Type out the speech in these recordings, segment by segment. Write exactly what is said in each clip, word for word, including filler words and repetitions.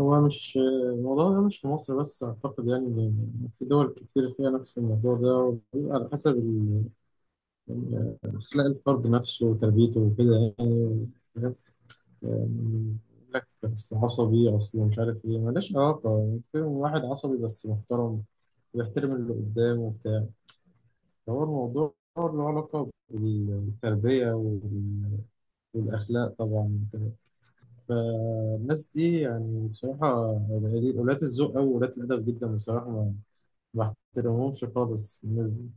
هو مش الموضوع ده مش في مصر بس، أعتقد يعني إن في دول كتير فيها نفس الموضوع ده، وبيبقى على حسب ال- ال- أخلاق الفرد نفسه وتربيته وكده يعني حاجات. يعني يقول لك أصل عصبي، أصل مش عارف إيه، ملهاش علاقة يعني، في واحد عصبي بس محترم ويحترم اللي قدامه وبتاع. فهو الموضوع له علاقة بالتربية وال- والأخلاق طبعا. فالناس دي يعني بصراحة ولاة الذوق أوي، ولاة الأدب جدا، بصراحة ما ما بحترمهمش خالص الناس دي.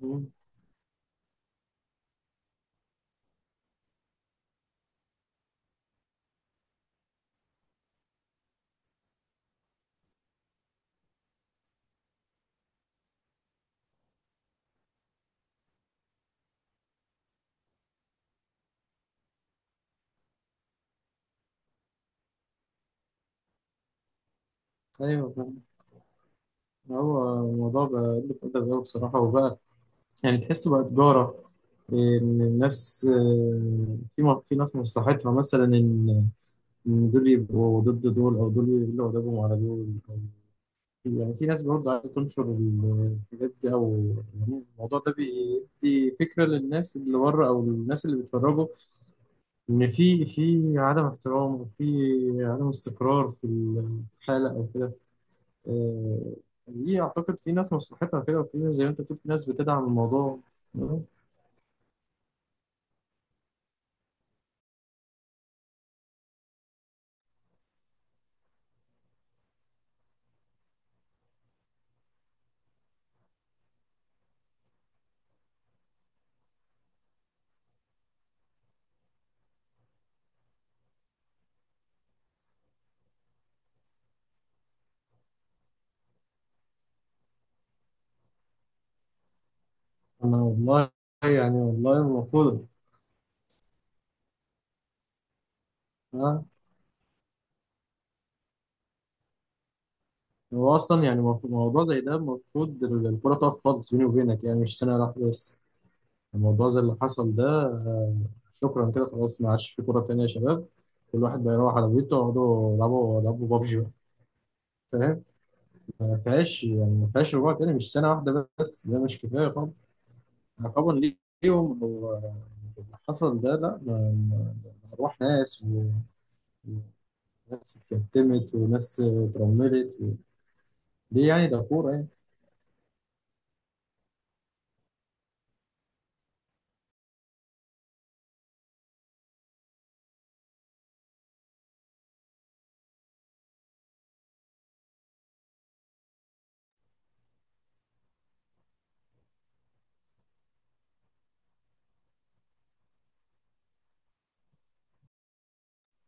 مم. أيوة فاهم. هو الموضوع بقى قلة أدب أوي بصراحة، وبقى يعني تحسه بقى تجارة. إن الناس، آه، في م- في ناس مصلحتها مثلا إن إن دول يبقوا ضد دول، أو دول يقولوا أدبهم على دول. أو- يعني في ناس برضه عايزة تنشر ال- الحاجات دي، أو يعني الموضوع ده بيدي فكرة للناس اللي بره أو للناس اللي بيتفرجوا ان في في عدم احترام، وفي عدم استقرار في الحاله او كده. آه، دي اعتقد في ناس مصلحتها كده، وفي ناس زي ما انت بتقول في ناس بتدعم الموضوع. آه. انا والله. يعني والله المفروض. آه. هو اصلا يعني مف- موضوع زي ده المفروض ال- الكره تقف خالص، بيني وبينك يعني مش سنه واحده بس. الموضوع زي اللي حصل ده، آه، شكرا كده خلاص، ما عادش في كره تانيه يا شباب. كل واحد بقى يروح على بيته يقعدوا يلعبوا يلعبوا بابجي بقى، فاهم. ما فيهاش، يعني ما فيهاش رجوع تاني، مش سنة واحدة بس ده مش كفاية طبعا عقابا ليهم. هو اللي حصل ده لا، ما- ما- أرواح ناس و- وناس اتيتمت وناس اترملت و... ليه يعني؟ ده كورة يعني.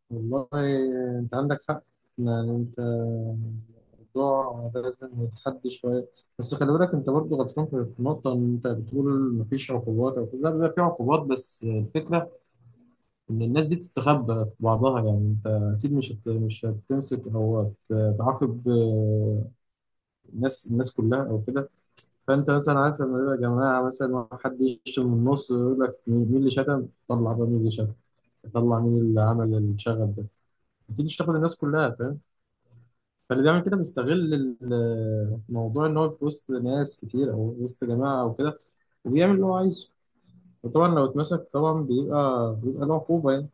والله أنت عندك حق. يعني أنت الموضوع لازم يتحدى شوية. بس خلي بالك، أنت برضه غلطان في النقطة إن أنت بتقول مفيش عقوبات أو كده، لا، بيبقى في عقوبات، بس الفكرة ان الناس دي تستخبى في بعضها، يعني انت اكيد مش هت... مش هتمسك او هت- تعاقب آه، الناس الناس كلها او كده. فانت مثلا عارف، لما يبقى جماعه مثلا حد يشتم من النص ويقول لك مين مين اللي شتم، طلع بقى مين اللي شتم، طلع مين اللي عمل الشغب ده. اكيد مش تاخد الناس كلها، فاهم. فاللي بيعمل كده بيستغل ال- الموضوع ان هو في وسط ناس كتير او وسط جماعه او كده، وبيعمل اللي هو عايزه. وطبعا لو اتمسك طبعا بيبقى بيبقى له عقوبه.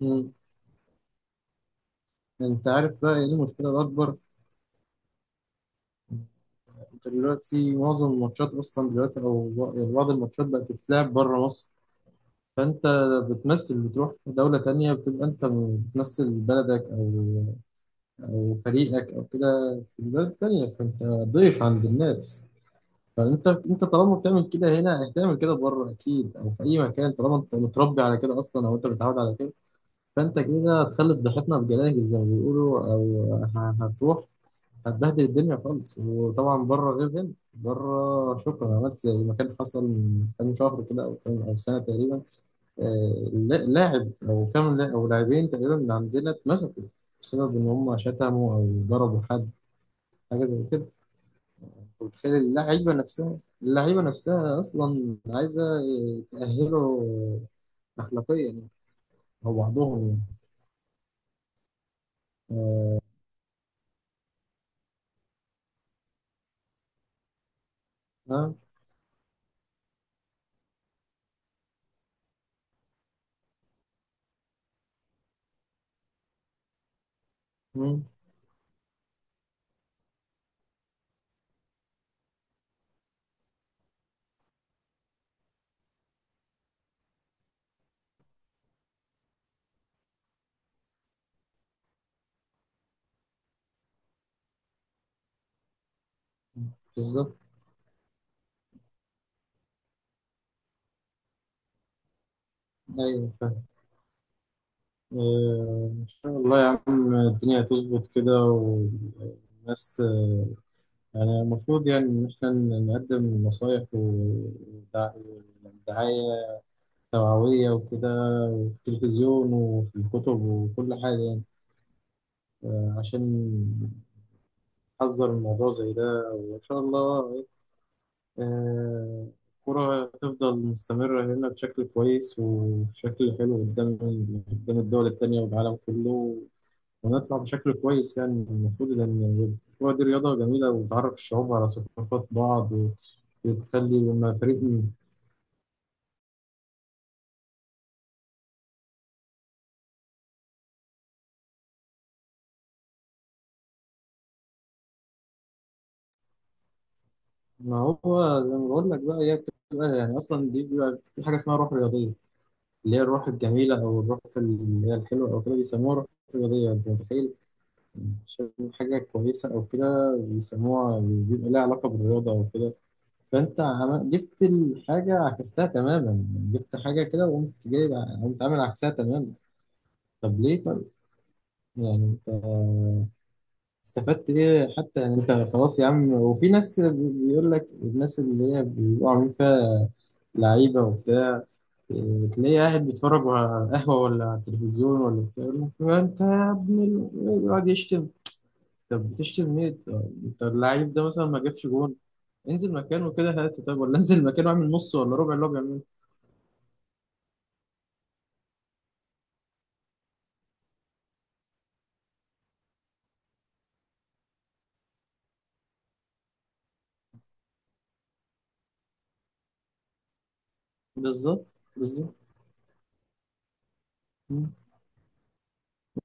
يعني انت عارف بقى ايه المشكله الاكبر؟ انت دلوقتي معظم الماتشات اصلا دلوقتي، او يعني بعض الماتشات بقت بتتلعب بره مصر، فانت بتمثل، بتروح دوله تانية، بتبقى انت بتمثل بلدك او او فريقك او كده في بلد تانية، فانت ضيف عند الناس. فانت انت طالما بتعمل كده هنا هتعمل كده بره اكيد او في اي مكان، طالما انت متربي على كده اصلا او انت متعود على كده. فانت كده هتخلف ضحيتنا بجلاجل زي ما بيقولوا او ه- هتروح هتبهدل الدنيا خالص. وطبعا بره غير هنا، بره شكرا. عملت زي ما كان حصل من كام شهر كده او كام او سنه تقريبا آه، لا- لاعب او كام لا- او لاعبين تقريبا من عندنا اتمسكوا بسبب ان هم شتموا او ضربوا حد، حاجه زي كده. أنت متخيل، اللعيبه نفسها اللعيبه نفسها اصلا عايزه تاهله اخلاقيا يعني، او بعضهم يعني. ها. مم. بالظبط. ايوه. آه. إن شاء الله يا عم، الدنيا هتظبط كده والناس. آه، يعني المفروض يعني إن إحنا نقدم نصايح ودع- ودعاية توعوية وكده، وفي التلفزيون وفي الكتب وكل حاجة يعني، آه، عشان نحذر من موضوع زي ده. وإن شاء الله آه، الكرة هتفضل مستمرة هنا بشكل كويس وبشكل حلو قدام قدام الدول التانية والعالم كله، ونطلع بشكل كويس يعني المفروض، لأن الكورة دي رياضة جميلة وبتعرف الشعوب على ثقافات بعض، وبتخلي لما فريق م- ما هو زي ما بقول لك بقى، هي بتبقى يعني أصلا دي بيبقى في حاجة اسمها روح رياضية، اللي هي الروح الجميلة أو الروح اللي هي الحلوة أو كده بيسموها روح رياضية، أنت متخيل. عشان حاجة كويسة أو كده بيسموها، بيبقى لها علاقة بالرياضة أو كده. فأنت عم- جبت الحاجة عكستها تماما، جبت حاجة كده وقمت جايب، قمت عامل عكسها تماما. طب ليه؟ طيب يعني انت استفدت ايه حتى؟ يعني انت خلاص يا عم. وفي ناس بيقول لك الناس اللي هي بيبقوا عاملين فيها لعيبه وبتاع، إيه، تلاقيه قاعد بيتفرج على قهوه ولا على التلفزيون ولا بتاع يقول لك "ما انت يا ابن ال-"، يقعد يشتم. طب بتشتم ليه؟ طب انت اللعيب ده مثلا ما جابش جون، انزل مكانه كده هاته، طب ولا انزل مكانه اعمل نص ولا ربع اللي هو بيعمله. بالظبط. بالظبط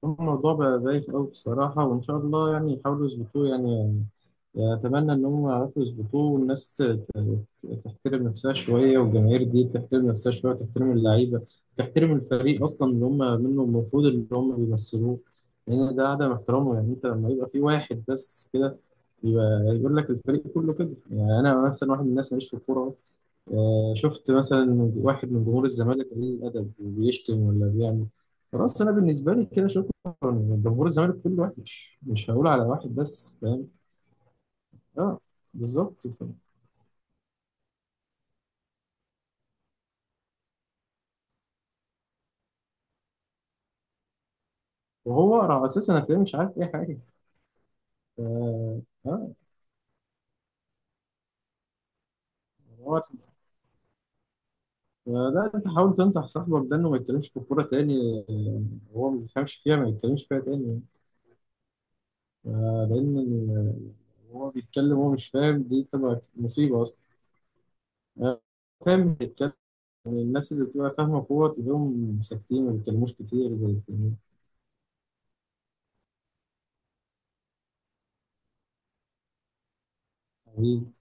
الموضوع بقى بايخ أوي بصراحة، وإن شاء الله يعني يحاولوا يظبطوه يعني. يعني أتمنى إن هم يعرفوا يظبطوه والناس ت- ت- تحترم نفسها شوية، والجماهير دي تحترم نفسها شوية، تحترم اللعيبة، تحترم الفريق أصلا اللي هم منه المفروض، اللي هم بيمثلوه. لأن ده عدم احترامه يعني. أنت لما يبقى في واحد بس كده، يبقى يقول لك الفريق كله كده. يعني أنا مثلا واحد من الناس ماليش في الكورة، آه، شفت مثلا واحد من جمهور الزمالك قليل الادب وبيشتم ولا بيعمل، خلاص انا بالنسبه لي كده شكرا، جمهور الزمالك كله وحش مش هقول على واحد بس، فاهم. اه. بالظبط ف- وهو را- اساسا هتلاقيه مش عارف اي حاجه. ف- اه. آه. هو- لا انت حاول تنصح صاحبك ده انه ما يتكلمش في الكوره تاني آه، وهو ما بيفهمش فيها ما يتكلمش فيها تاني، آه، لان آه، هو بيتكلم وهو مش فاهم، دي تبقى مصيبه اصلا آه، فاهم. الناس اللي بتبقى فاهمة كورة تلاقيهم ساكتين ما بيتكلموش كتير زي التانيين. حبيبي.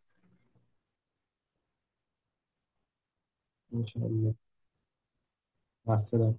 إن شاء الله. مع السلامة.